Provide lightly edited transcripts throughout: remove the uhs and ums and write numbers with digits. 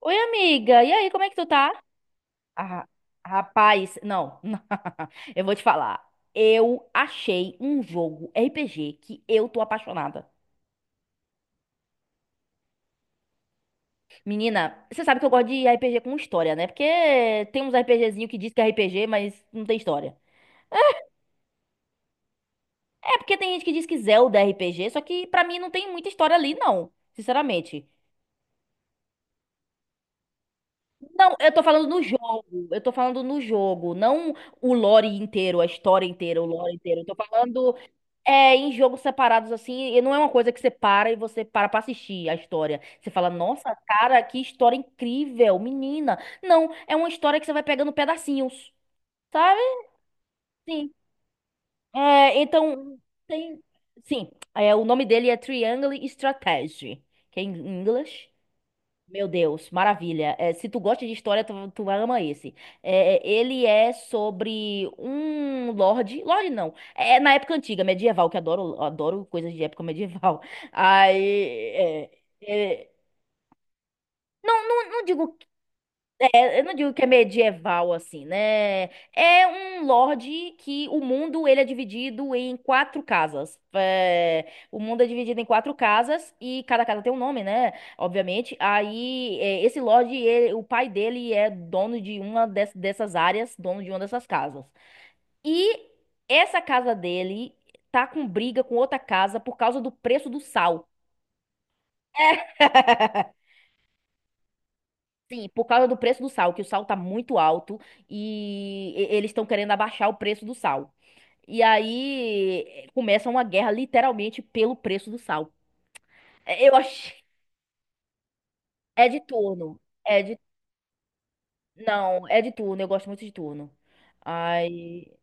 Oi, amiga. E aí, como é que tu tá? Ah, rapaz, não. Eu vou te falar. Eu achei um jogo RPG que eu tô apaixonada. Menina, você sabe que eu gosto de RPG com história, né? Porque tem uns RPGzinho que diz que é RPG, mas não tem história. É porque tem gente que diz que Zelda é RPG, só que pra mim não tem muita história ali, não. Sinceramente. Não, eu tô falando no jogo. Eu tô falando no jogo, não o lore inteiro, a história inteira, o lore inteiro. Eu tô falando em jogos separados, assim, e não é uma coisa que você para e você para pra assistir a história. Você fala, nossa, cara, que história incrível, menina. Não, é uma história que você vai pegando pedacinhos, sabe? Sim. Então, tem. Sim, o nome dele é Triangle Strategy, que é em inglês. Meu Deus, maravilha. É, se tu gosta de história, tu ama esse. É, ele é sobre um lorde. Lorde não. É na época antiga, medieval, que adoro, adoro coisas de época medieval. Aí. é, é, não digo eu não digo que é medieval assim, né? É um lorde que o mundo ele é dividido em quatro casas. É, o mundo é dividido em quatro casas e cada casa tem um nome, né? Obviamente. Aí esse lorde, o pai dele é dono de dessas áreas, dono de uma dessas casas. E essa casa dele tá com briga com outra casa por causa do preço do sal. Sim, por causa do preço do sal, que o sal tá muito alto e eles estão querendo abaixar o preço do sal. E aí começa uma guerra literalmente pelo preço do sal. Eu acho. É de turno. É de. Não, é de turno. Eu gosto muito de turno. Ai.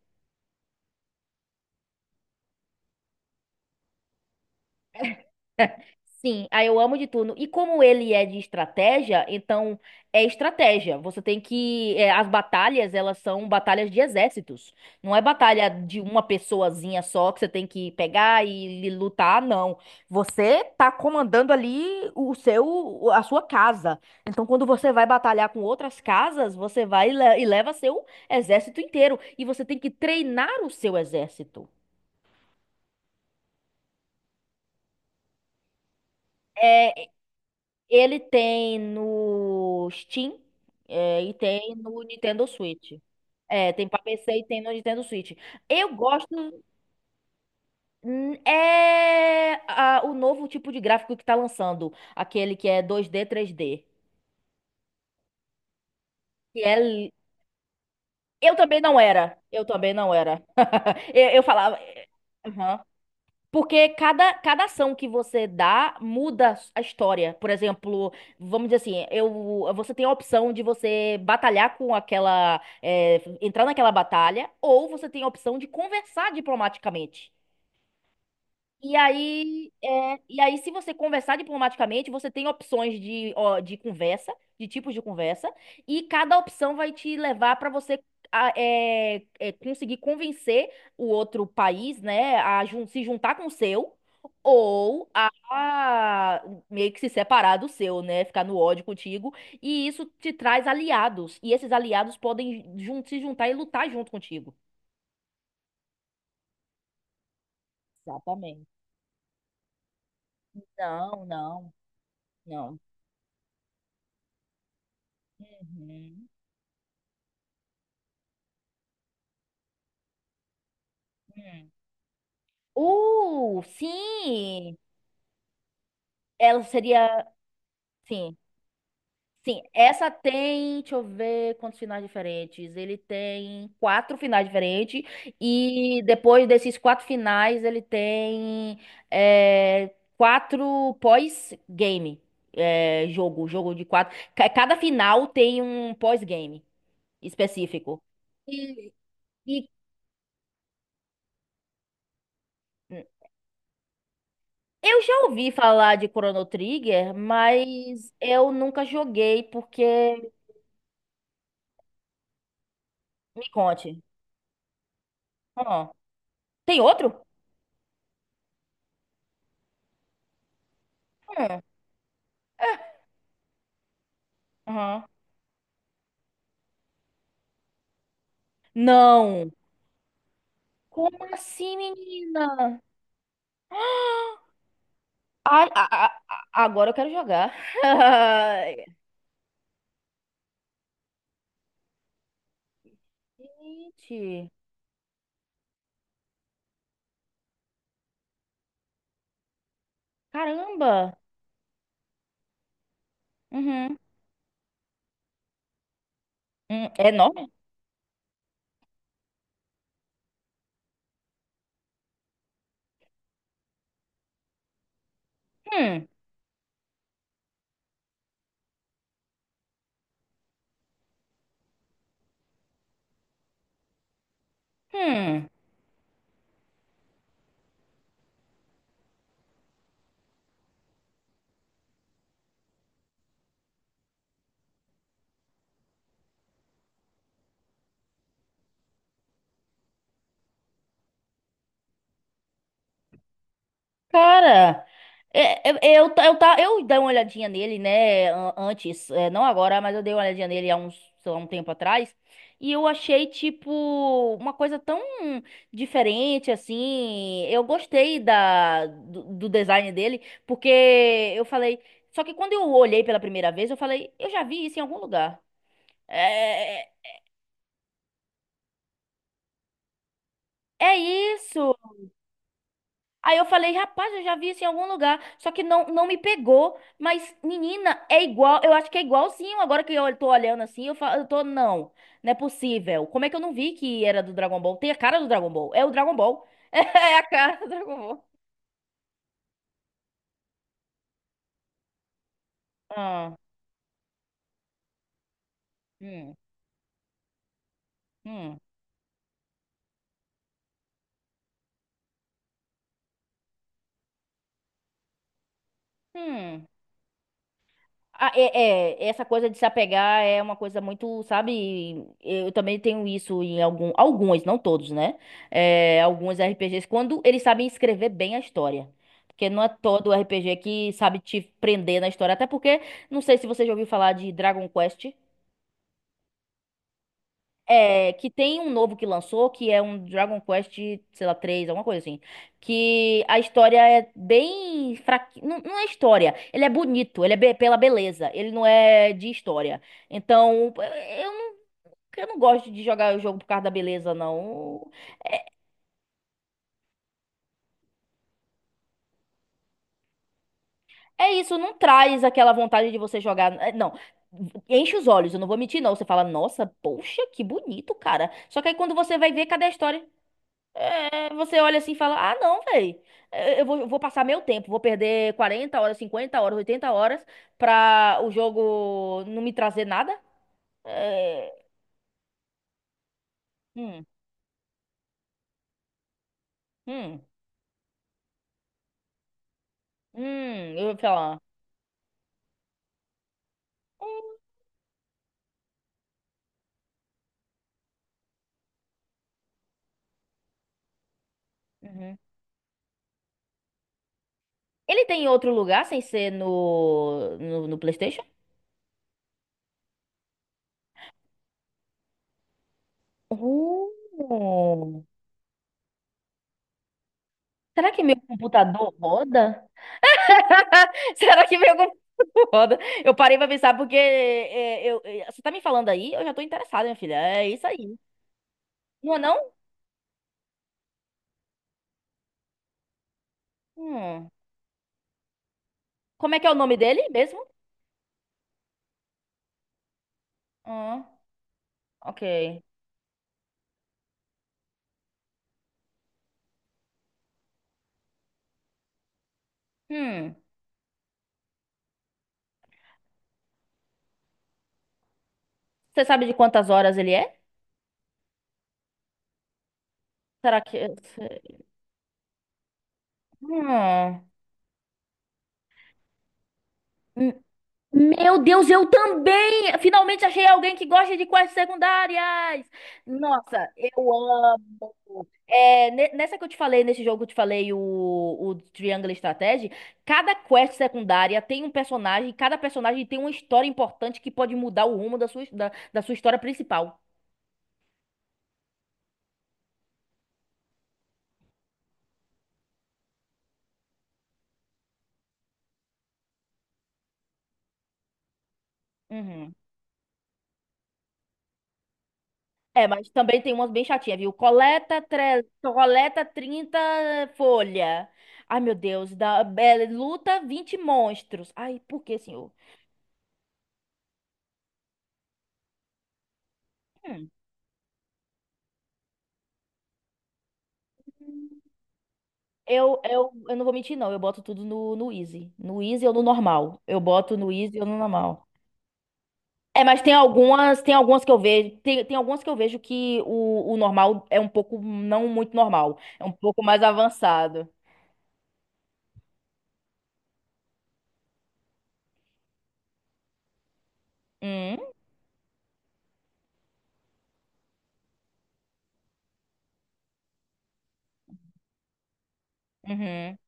Sim, aí eu amo de turno. E como ele é de estratégia, então é estratégia. Você tem que. As batalhas, elas são batalhas de exércitos. Não é batalha de uma pessoazinha só que você tem que pegar e lutar, não. Você tá comandando ali o seu, a sua casa. Então, quando você vai batalhar com outras casas, você vai e leva seu exército inteiro. E você tem que treinar o seu exército. É, ele tem no Steam, e tem no Nintendo Switch. É, tem pra PC e tem no Nintendo Switch. Eu gosto. O novo tipo de gráfico que tá lançando. Aquele que é 2D, 3D. Que é. Eu também não era. Eu também não era. Eu falava. Porque cada ação que você dá muda a história. Por exemplo, vamos dizer assim, você tem a opção de você batalhar com aquela, entrar naquela batalha, ou você tem a opção de conversar diplomaticamente. E aí, se você conversar diplomaticamente, você tem opções ó, de conversa, de tipos de conversa, e cada opção vai te levar para você conseguir convencer o outro país, né, a se juntar com o seu, ou a meio que se separar do seu, né, ficar no ódio contigo. E isso te traz aliados, e esses aliados podem se juntar e lutar junto contigo. Exatamente. Não, não, não. Uhum. Hum. Sim! Ela seria. Sim, sim. Essa tem. Deixa eu ver quantos finais diferentes. Ele tem quatro finais diferentes. E depois desses quatro finais, ele tem quatro pós-game. É, jogo de quatro. Cada final tem um pós-game específico. E, e Eu já ouvi falar de Chrono Trigger, mas eu nunca joguei porque. Me conte. Ah, tem outro? Hum, aham. Não. Como assim, menina? Ai, agora eu quero jogar. Ai, gente, caramba. Uhum. É enorme? Hum, hum. Cara, eu, dei uma olhadinha nele, né, antes, não agora, mas eu dei uma olhadinha nele há uns, sei lá, um tempo atrás, e eu achei, tipo, uma coisa tão diferente, assim, eu gostei do design dele, porque eu falei, só que quando eu olhei pela primeira vez, eu falei, eu já vi isso em algum lugar. É, é é isso! Aí eu falei, rapaz, eu já vi isso em algum lugar, só que não, não me pegou. Mas, menina, é igual, eu acho que é igualzinho. Agora que eu tô olhando assim, eu falo, não, não é possível. Como é que eu não vi que era do Dragon Ball? Tem a cara do Dragon Ball, é o Dragon Ball. É a cara do Dragon Ball. Ah, hum, hum, hum. Ah, essa coisa de se apegar é uma coisa muito, sabe? Eu também tenho isso em alguns, não todos, né? É, alguns RPGs, quando eles sabem escrever bem a história. Porque não é todo RPG que sabe te prender na história. Até porque, não sei se você já ouviu falar de Dragon Quest. É, que tem um novo que lançou, que é um Dragon Quest, sei lá, 3 alguma coisa assim. Que a história é bem fraquinha. Não, não é história. Ele é bonito, pela beleza. Ele não é de história. Então, eu não gosto de jogar o jogo por causa da beleza, não. É isso, não traz aquela vontade de você jogar. Não. Enche os olhos, eu não vou mentir, não. Você fala, nossa, poxa, que bonito, cara. Só que aí quando você vai ver, cadê a história? É, você olha assim e fala: Ah, não, velho. Eu vou passar meu tempo, vou perder 40 horas, 50 horas, 80 horas pra o jogo não me trazer nada. É, hum, hum, eu vou falar. Uhum. Ele tem em outro lugar sem ser no, no, no PlayStation? Uh, Será que meu computador roda? Será que meu computador roda? Eu parei pra pensar porque você tá me falando aí, eu já tô interessada, minha filha. É isso aí. Não é não? Hum. Como é que é o nome dele mesmo? Ah, ok. Hum. Você sabe de quantas horas ele é? Será que. Hum. Hum. Meu Deus, eu também! Finalmente achei alguém que gosta de quests secundárias! Nossa, eu amo! É, nessa que eu te falei, nesse jogo que eu te falei, o Triangle Strategy, cada quest secundária tem um personagem, cada personagem tem uma história importante que pode mudar o rumo da sua história principal. Uhum. É, mas também tem umas bem chatinhas, viu? Coleta 30 folha. Ai, meu Deus. Luta 20 monstros. Ai, por que, senhor? Hum. Eu não vou mentir, não. Eu boto tudo no easy. No easy ou no normal. Eu boto no easy ou no normal. É, mas tem algumas que eu vejo, tem algumas que eu vejo que o normal é um pouco não muito normal, é um pouco mais avançado. Hum, uhum.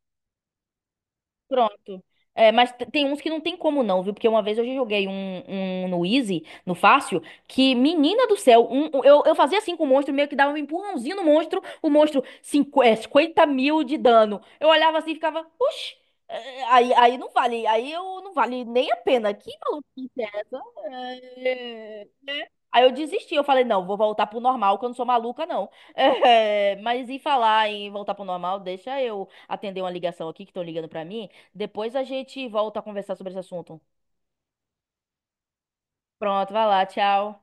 Pronto. É, mas tem uns que não tem como não, viu? Porque uma vez eu já joguei um no easy, no fácil, que, menina do céu, eu fazia assim com o monstro, meio que dava um empurrãozinho no monstro, o monstro, 50 mil de dano. Eu olhava assim e ficava, oxi, aí não vale, aí eu não vale nem a pena. Que maluquice é essa? É, né? Aí eu desisti, eu falei, não, vou voltar pro normal, que eu não sou maluca, não. É, mas em falar em voltar pro normal, deixa eu atender uma ligação aqui que estão ligando pra mim. Depois a gente volta a conversar sobre esse assunto. Pronto, vai lá, tchau.